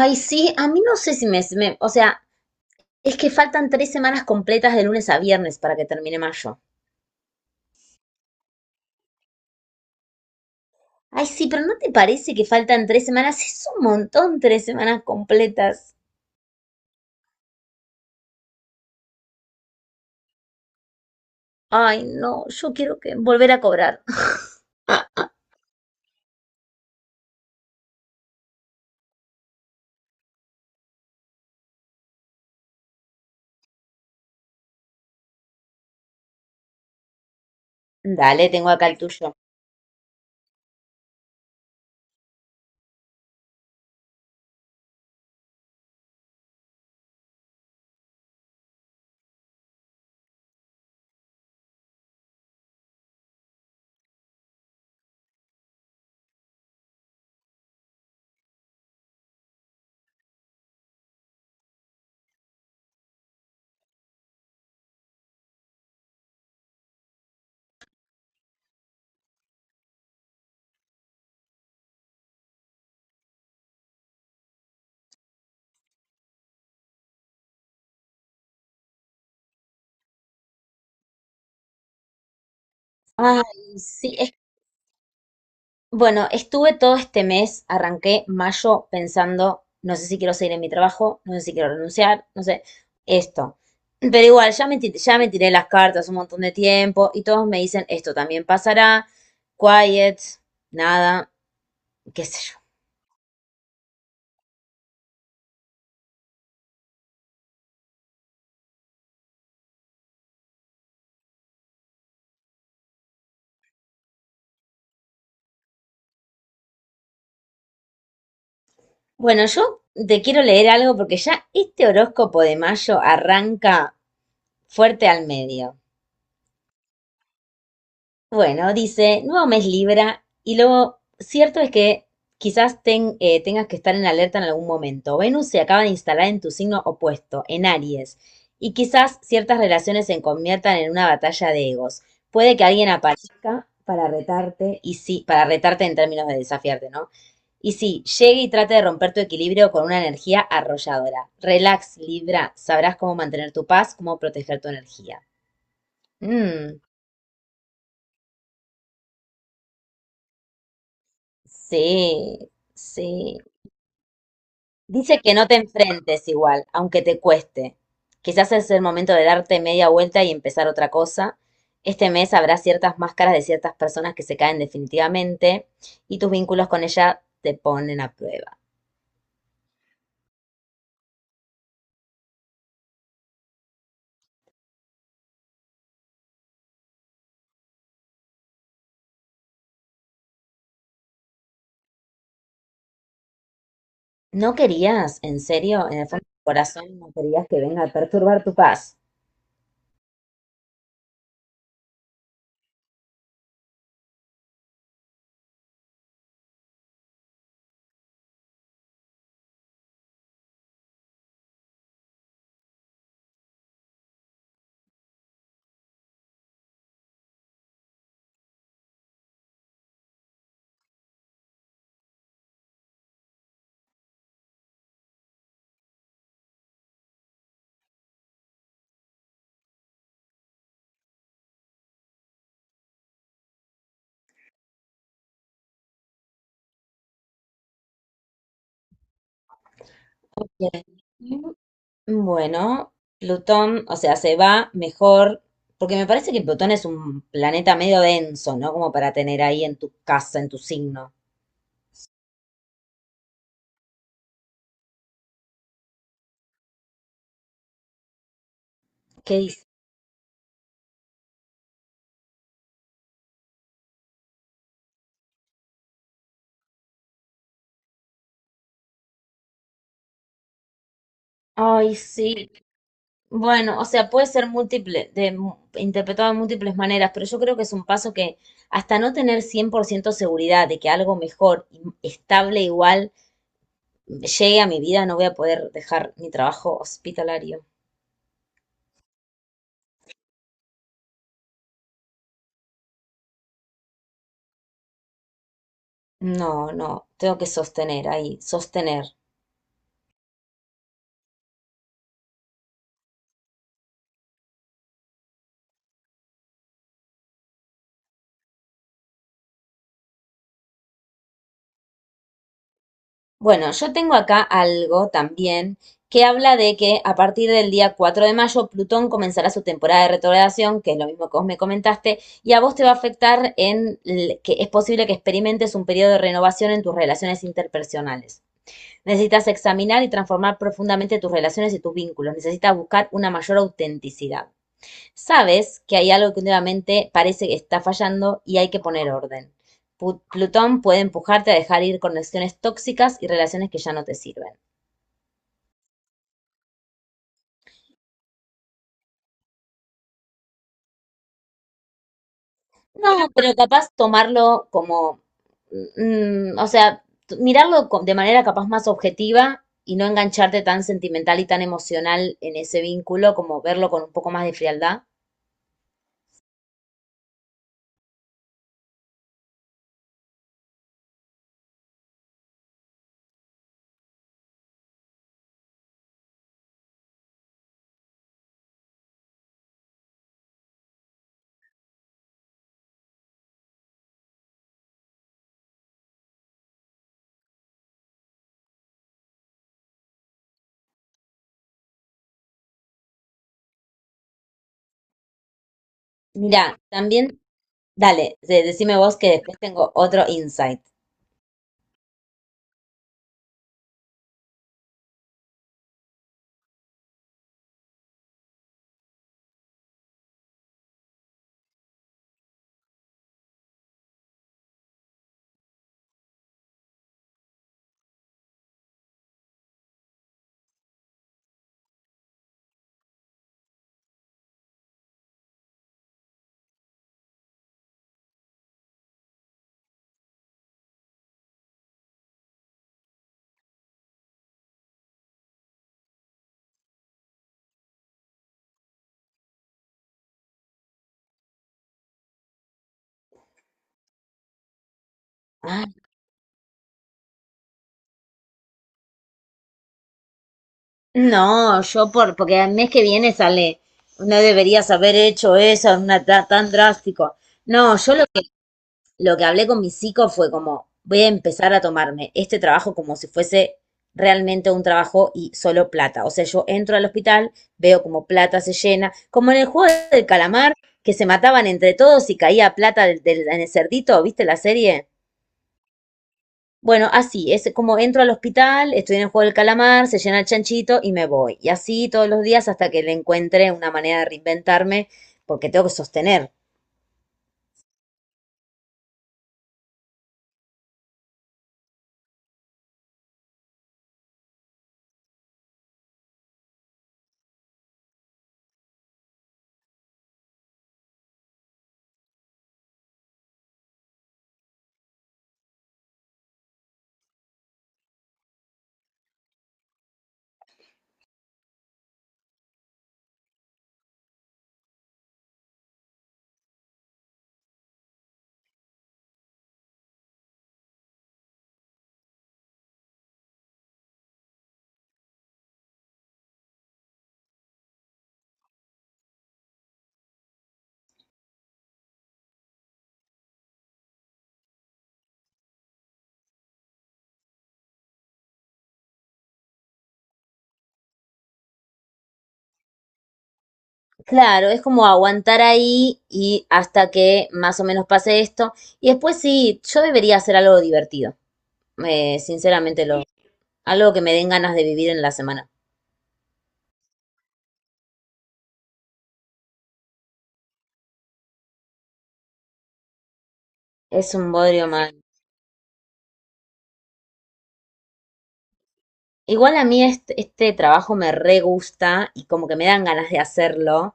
Ay, sí, a mí no sé si me, me- O sea, es que faltan 3 semanas completas de lunes a viernes para que termine mayo. Ay, sí, pero ¿no te parece que faltan 3 semanas? Es un montón 3 semanas completas. Ay, no, yo quiero que volver a cobrar. Dale, tengo acá el tuyo. Ay, sí, es Bueno, estuve todo este mes, arranqué mayo pensando, no sé si quiero seguir en mi trabajo, no sé si quiero renunciar, no sé, esto. Pero igual, ya me tiré las cartas un montón de tiempo y todos me dicen, esto también pasará, quiet, nada, qué sé yo. Bueno, yo te quiero leer algo porque ya este horóscopo de mayo arranca fuerte al medio. Bueno, dice, nuevo mes Libra, y lo cierto es que quizás tengas que estar en alerta en algún momento. Venus se acaba de instalar en tu signo opuesto, en Aries, y quizás ciertas relaciones se conviertan en una batalla de egos. Puede que alguien aparezca para retarte, y sí, para retarte en términos de desafiarte, ¿no? Y sí, llegue y trate de romper tu equilibrio con una energía arrolladora. Relax, Libra, sabrás cómo mantener tu paz, cómo proteger tu energía. Mm. Sí, sí. Dice que no te enfrentes igual, aunque te cueste. Quizás es el momento de darte media vuelta y empezar otra cosa. Este mes habrá ciertas máscaras de ciertas personas que se caen definitivamente y tus vínculos con ella te ponen a prueba. ¿No querías, en serio, en el fondo de tu corazón, no querías que venga a perturbar tu paz? Ok. Bueno, Plutón, o sea, se va mejor, porque me parece que Plutón es un planeta medio denso, ¿no? Como para tener ahí en tu casa, en tu signo. ¿Qué dice? Ay, sí. Bueno, o sea, puede ser múltiple, interpretado de múltiples maneras, pero yo creo que es un paso que hasta no tener 100% seguridad de que algo mejor, y estable igual, llegue a mi vida, no voy a poder dejar mi trabajo hospitalario. No, no, tengo que sostener ahí, sostener. Bueno, yo tengo acá algo también que habla de que a partir del día 4 de mayo Plutón comenzará su temporada de retrogradación, que es lo mismo que vos me comentaste, y a vos te va a afectar que es posible que experimentes un periodo de renovación en tus relaciones interpersonales. Necesitas examinar y transformar profundamente tus relaciones y tus vínculos. Necesitas buscar una mayor autenticidad. Sabes que hay algo que últimamente parece que está fallando y hay que poner orden. Plutón puede empujarte a dejar ir conexiones tóxicas y relaciones que ya no te sirven. No, pero capaz tomarlo como, mm, o sea, mirarlo de manera capaz más objetiva y no engancharte tan sentimental y tan emocional en ese vínculo, como verlo con un poco más de frialdad. Mira, también, dale, decime vos que después tengo otro insight. No, porque el mes que viene sale. No deberías haber hecho eso, una, tan drástico. No, lo que hablé con mi psico fue como, voy a empezar a tomarme este trabajo como si fuese realmente un trabajo y solo plata. O sea, yo entro al hospital, veo como plata se llena, como en el juego del calamar, que se mataban entre todos y caía plata en el cerdito, ¿viste la serie? Bueno, así, es como entro al hospital, estoy en el juego del calamar, se llena el chanchito y me voy. Y así todos los días hasta que le encuentre una manera de reinventarme, porque tengo que sostener. Claro, es como aguantar ahí y hasta que más o menos pase esto. Y después sí, yo debería hacer algo divertido. Sinceramente, algo que me den ganas de vivir en la semana. Es un bodrio más. Igual a mí este trabajo me re gusta y como que me dan ganas de hacerlo,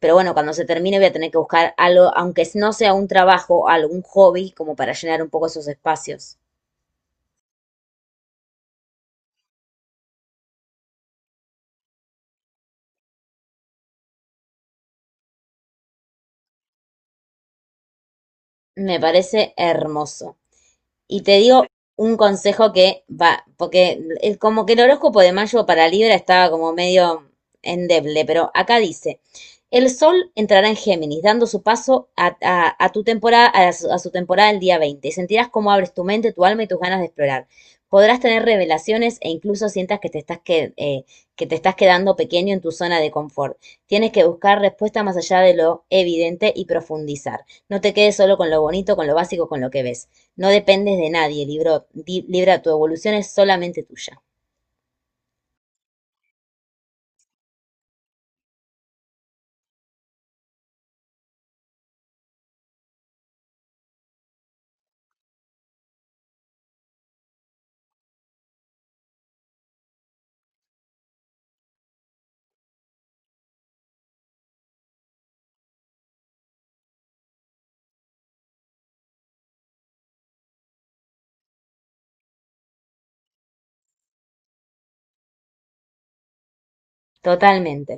pero bueno, cuando se termine voy a tener que buscar algo, aunque no sea un trabajo, algún hobby, como para llenar un poco esos espacios. Me parece hermoso. Y te digo un consejo que va, porque como que el horóscopo de mayo para Libra estaba como medio endeble, pero acá dice, el sol entrará en Géminis, dando su paso a tu temporada, a su temporada el día 20. Y sentirás cómo abres tu mente, tu alma y tus ganas de explorar. Podrás tener revelaciones e incluso sientas que te estás, que que te estás quedando pequeño en tu zona de confort. Tienes que buscar respuesta más allá de lo evidente y profundizar. No te quedes solo con lo bonito, con lo básico, con lo que ves. No dependes de nadie, Libra, tu evolución es solamente tuya. Totalmente.